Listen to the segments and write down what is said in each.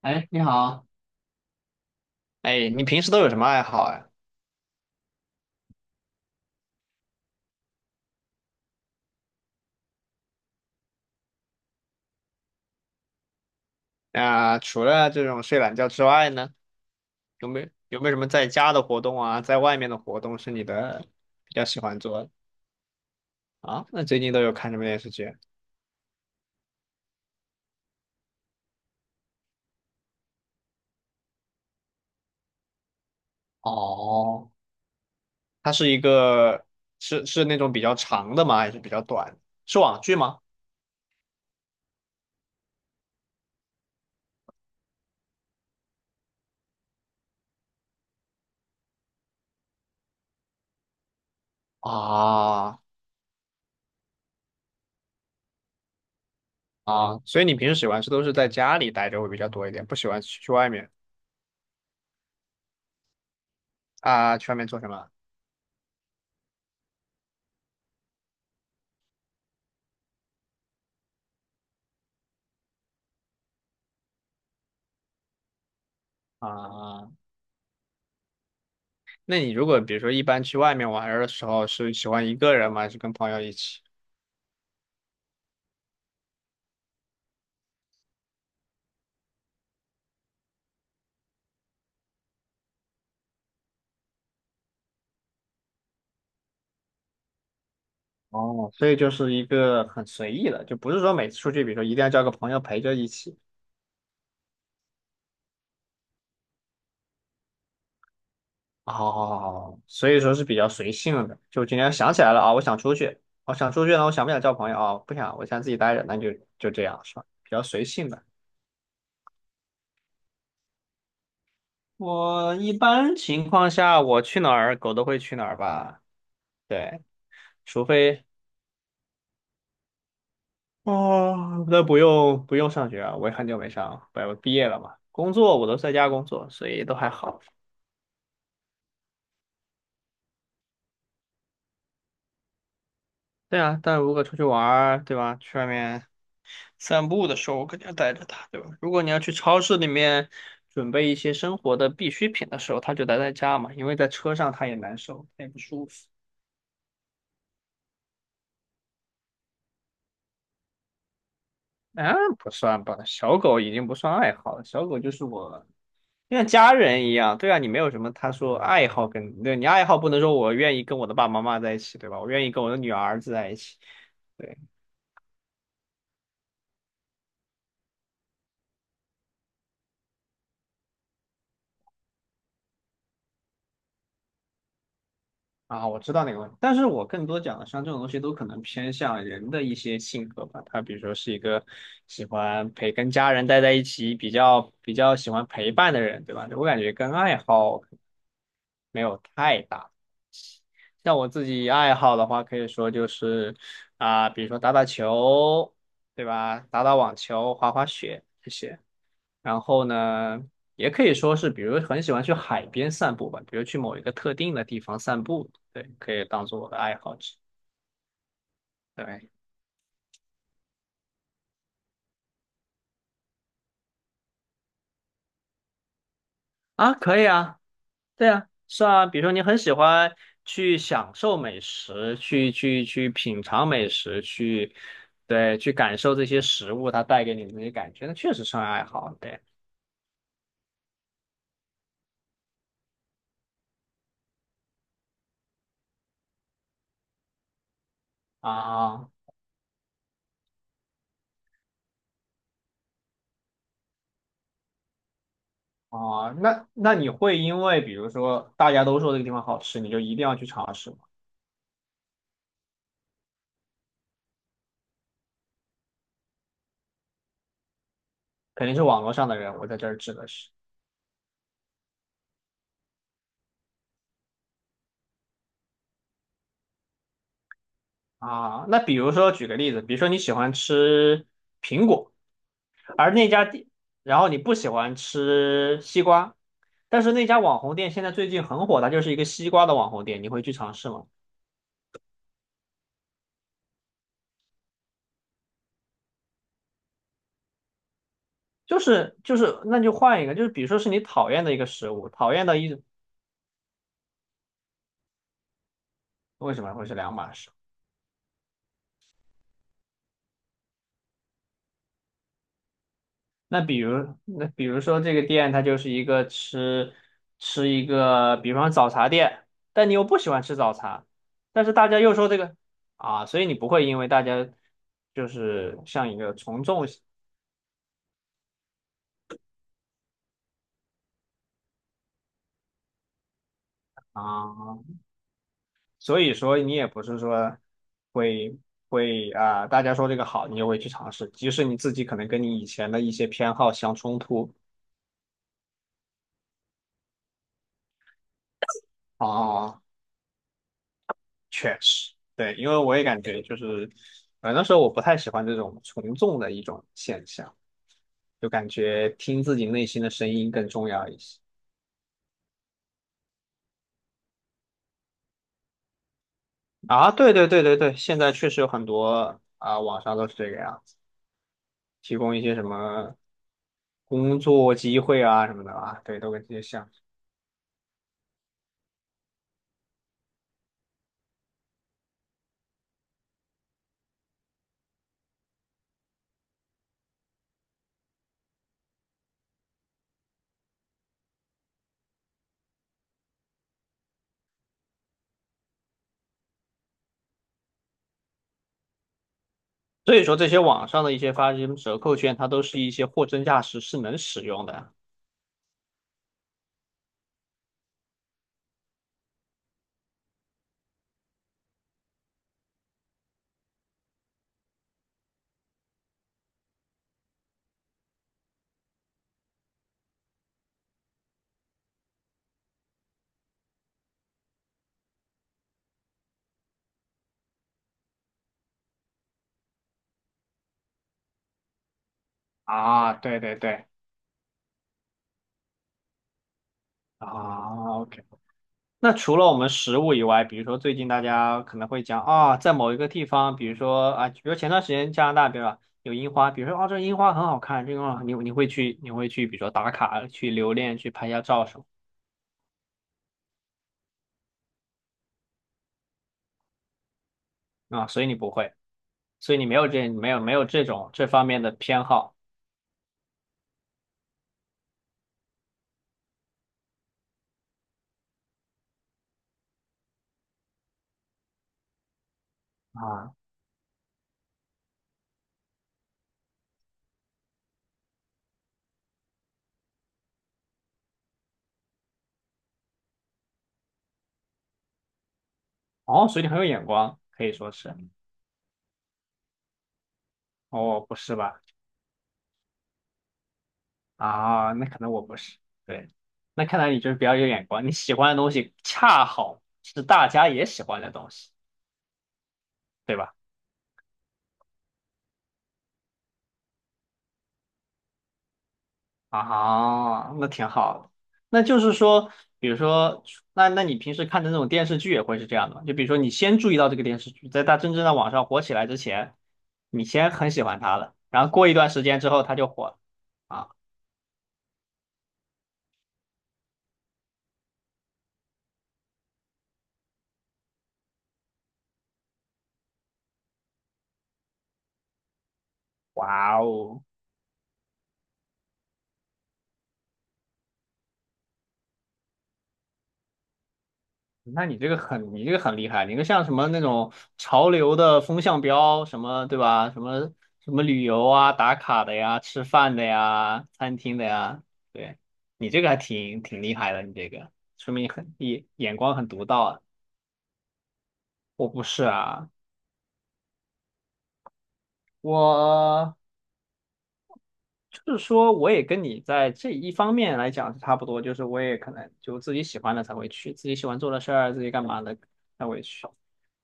哎，你好。哎，你平时都有什么爱好呀？啊，除了这种睡懒觉之外呢，有没有什么在家的活动啊，在外面的活动是你的比较喜欢做的？啊？那最近都有看什么电视剧？哦，它是一个是那种比较长的吗？还是比较短，是网剧吗？啊所以你平时喜欢是都是在家里待着会比较多一点，不喜欢去外面。啊？去外面做什么？啊？那你如果比如说一般去外面玩儿的时候，是喜欢一个人吗？还是跟朋友一起？哦，所以就是一个很随意的，就不是说每次出去，比如说一定要叫个朋友陪着一起。哦，所以说是比较随性的。就今天想起来了啊，我想出去呢，我想不想叫朋友啊？不想，我想自己待着，那就这样，是吧？比较随性的。我一般情况下，我去哪儿，狗都会去哪儿吧？对。除非，哦，那不用不用上学啊，我也很久没上，我毕业了嘛。工作我都在家工作，所以都还好。对啊，但如果出去玩儿，对吧？去外面散步的时候，我肯定要带着它，对吧？如果你要去超市里面准备一些生活的必需品的时候，它就待在家嘛，因为在车上它也难受，它也不舒服。啊，不算吧，小狗已经不算爱好了，小狗就是我，就像家人一样。对啊，你没有什么他说爱好跟，对，你爱好不能说我愿意跟我的爸爸妈妈在一起，对吧？我愿意跟我的女儿儿子在一起，对。啊，我知道那个问题，但是我更多讲的像这种东西都可能偏向人的一些性格吧，他比如说是一个喜欢陪跟家人待在一起，比较喜欢陪伴的人，对吧？我感觉跟爱好没有太大。像我自己爱好的话，可以说就是比如说打打球，对吧？打打网球、滑滑雪这些。然后呢，也可以说是，比如很喜欢去海边散步吧，比如去某一个特定的地方散步，对，可以当做我的爱好之一。对啊，可以啊，对啊，是啊。比如说你很喜欢去享受美食，去品尝美食，去，对，去感受这些食物它带给你的那些感觉，那确实是爱好，对。啊那你会因为比如说大家都说这个地方好吃，你就一定要去尝试吗？肯定是网络上的人，我在这儿指的是。啊。那比如说举个例子，比如说你喜欢吃苹果，而那家店，然后你不喜欢吃西瓜，但是那家网红店现在最近很火，它就是一个西瓜的网红店，你会去尝试吗？就是，那就换一个，就是比如说是你讨厌的一个食物，讨厌的一。为什么会是两码事？那比如说这个店，它就是一个吃一个，比方早茶店，但你又不喜欢吃早茶。但是大家又说这个啊，所以你不会因为大家就是像一个从众心。啊，所以说你也不是说会会啊，大家说这个好，你就会去尝试，即使你自己可能跟你以前的一些偏好相冲突。啊。确实，对，因为我也感觉就是，那时候我不太喜欢这种从众的一种现象，就感觉听自己内心的声音更重要一些。啊，对对对对对，现在确实有很多啊，网上都是这个样子，提供一些什么工作机会啊什么的啊，对，都跟这些像。所以说，这些网上的一些发这些折扣券，它都是一些货真价实，是能使用的。啊。对对对，啊，OK。那除了我们食物以外，比如说最近大家可能会讲啊，在某一个地方，比如说啊，比如前段时间加拿大，比如说有樱花，比如说啊，这樱花很好看，这个樱花你会去，比如说打卡、去留恋、去拍一下照什么。啊，所以你没有这种这方面的偏好。啊，哦，所以你很有眼光，可以说是。哦，不是吧？啊，那可能我不是。对，那看来你就是比较有眼光，你喜欢的东西恰好是大家也喜欢的东西，对吧？啊，那挺好的。那就是说，比如说，那你平时看的那种电视剧也会是这样的吗？就比如说，你先注意到这个电视剧，在它真正在网上火起来之前，你先很喜欢它了，然后过一段时间之后，它就火了。啊，哇哦！那你这个很厉害，你个像什么那种潮流的风向标，什么对吧？什么旅游啊、打卡的呀、吃饭的呀、餐厅的呀，对，你这个还挺厉害的，你这个说明很眼光很独到啊。我不是啊，我就是说我也跟你在这一方面来讲是差不多，就是我也可能就自己喜欢的才会去，自己喜欢做的事儿，自己干嘛的才会去。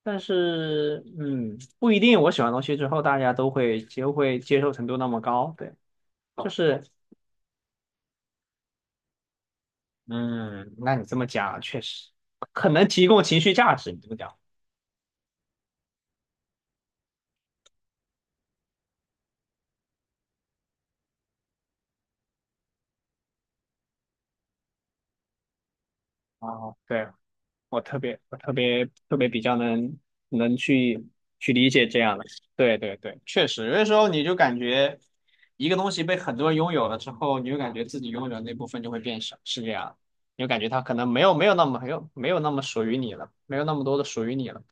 但是，不一定。我喜欢的东西之后，大家都会接受程度那么高，对。就是，嗯，那你这么讲，确实可能提供情绪价值。你这么讲，哦，对。我特别特别比较能去理解这样的，对对对，确实。有的时候你就感觉一个东西被很多人拥有了之后，你就感觉自己拥有的那部分就会变少，是这样。你就感觉它可能没有那么属于你了，没有那么多的属于你了。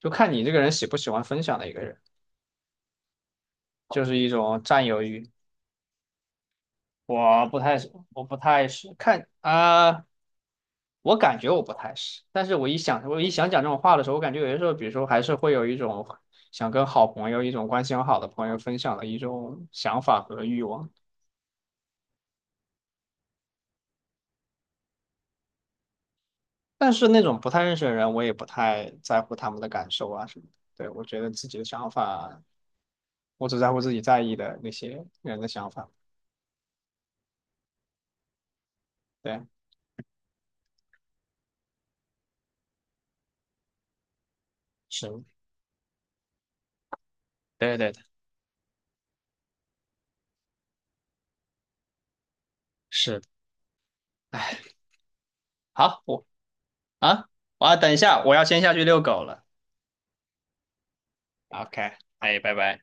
就看你这个人喜不喜欢分享的一个人，就是一种占有欲。我不太我不太是看啊、我感觉我不太是，但是我一想讲这种话的时候，我感觉有些时候，比如说还是会有一种想跟好朋友、一种关系很好的朋友分享的一种想法和欲望。但是那种不太认识的人，我也不太在乎他们的感受啊什么的。对，我觉得自己的想法，我只在乎自己在意的那些人的想法。对，是，对对对，是。好，我。啊，我要等一下，我要先下去遛狗了。OK，哎，拜拜。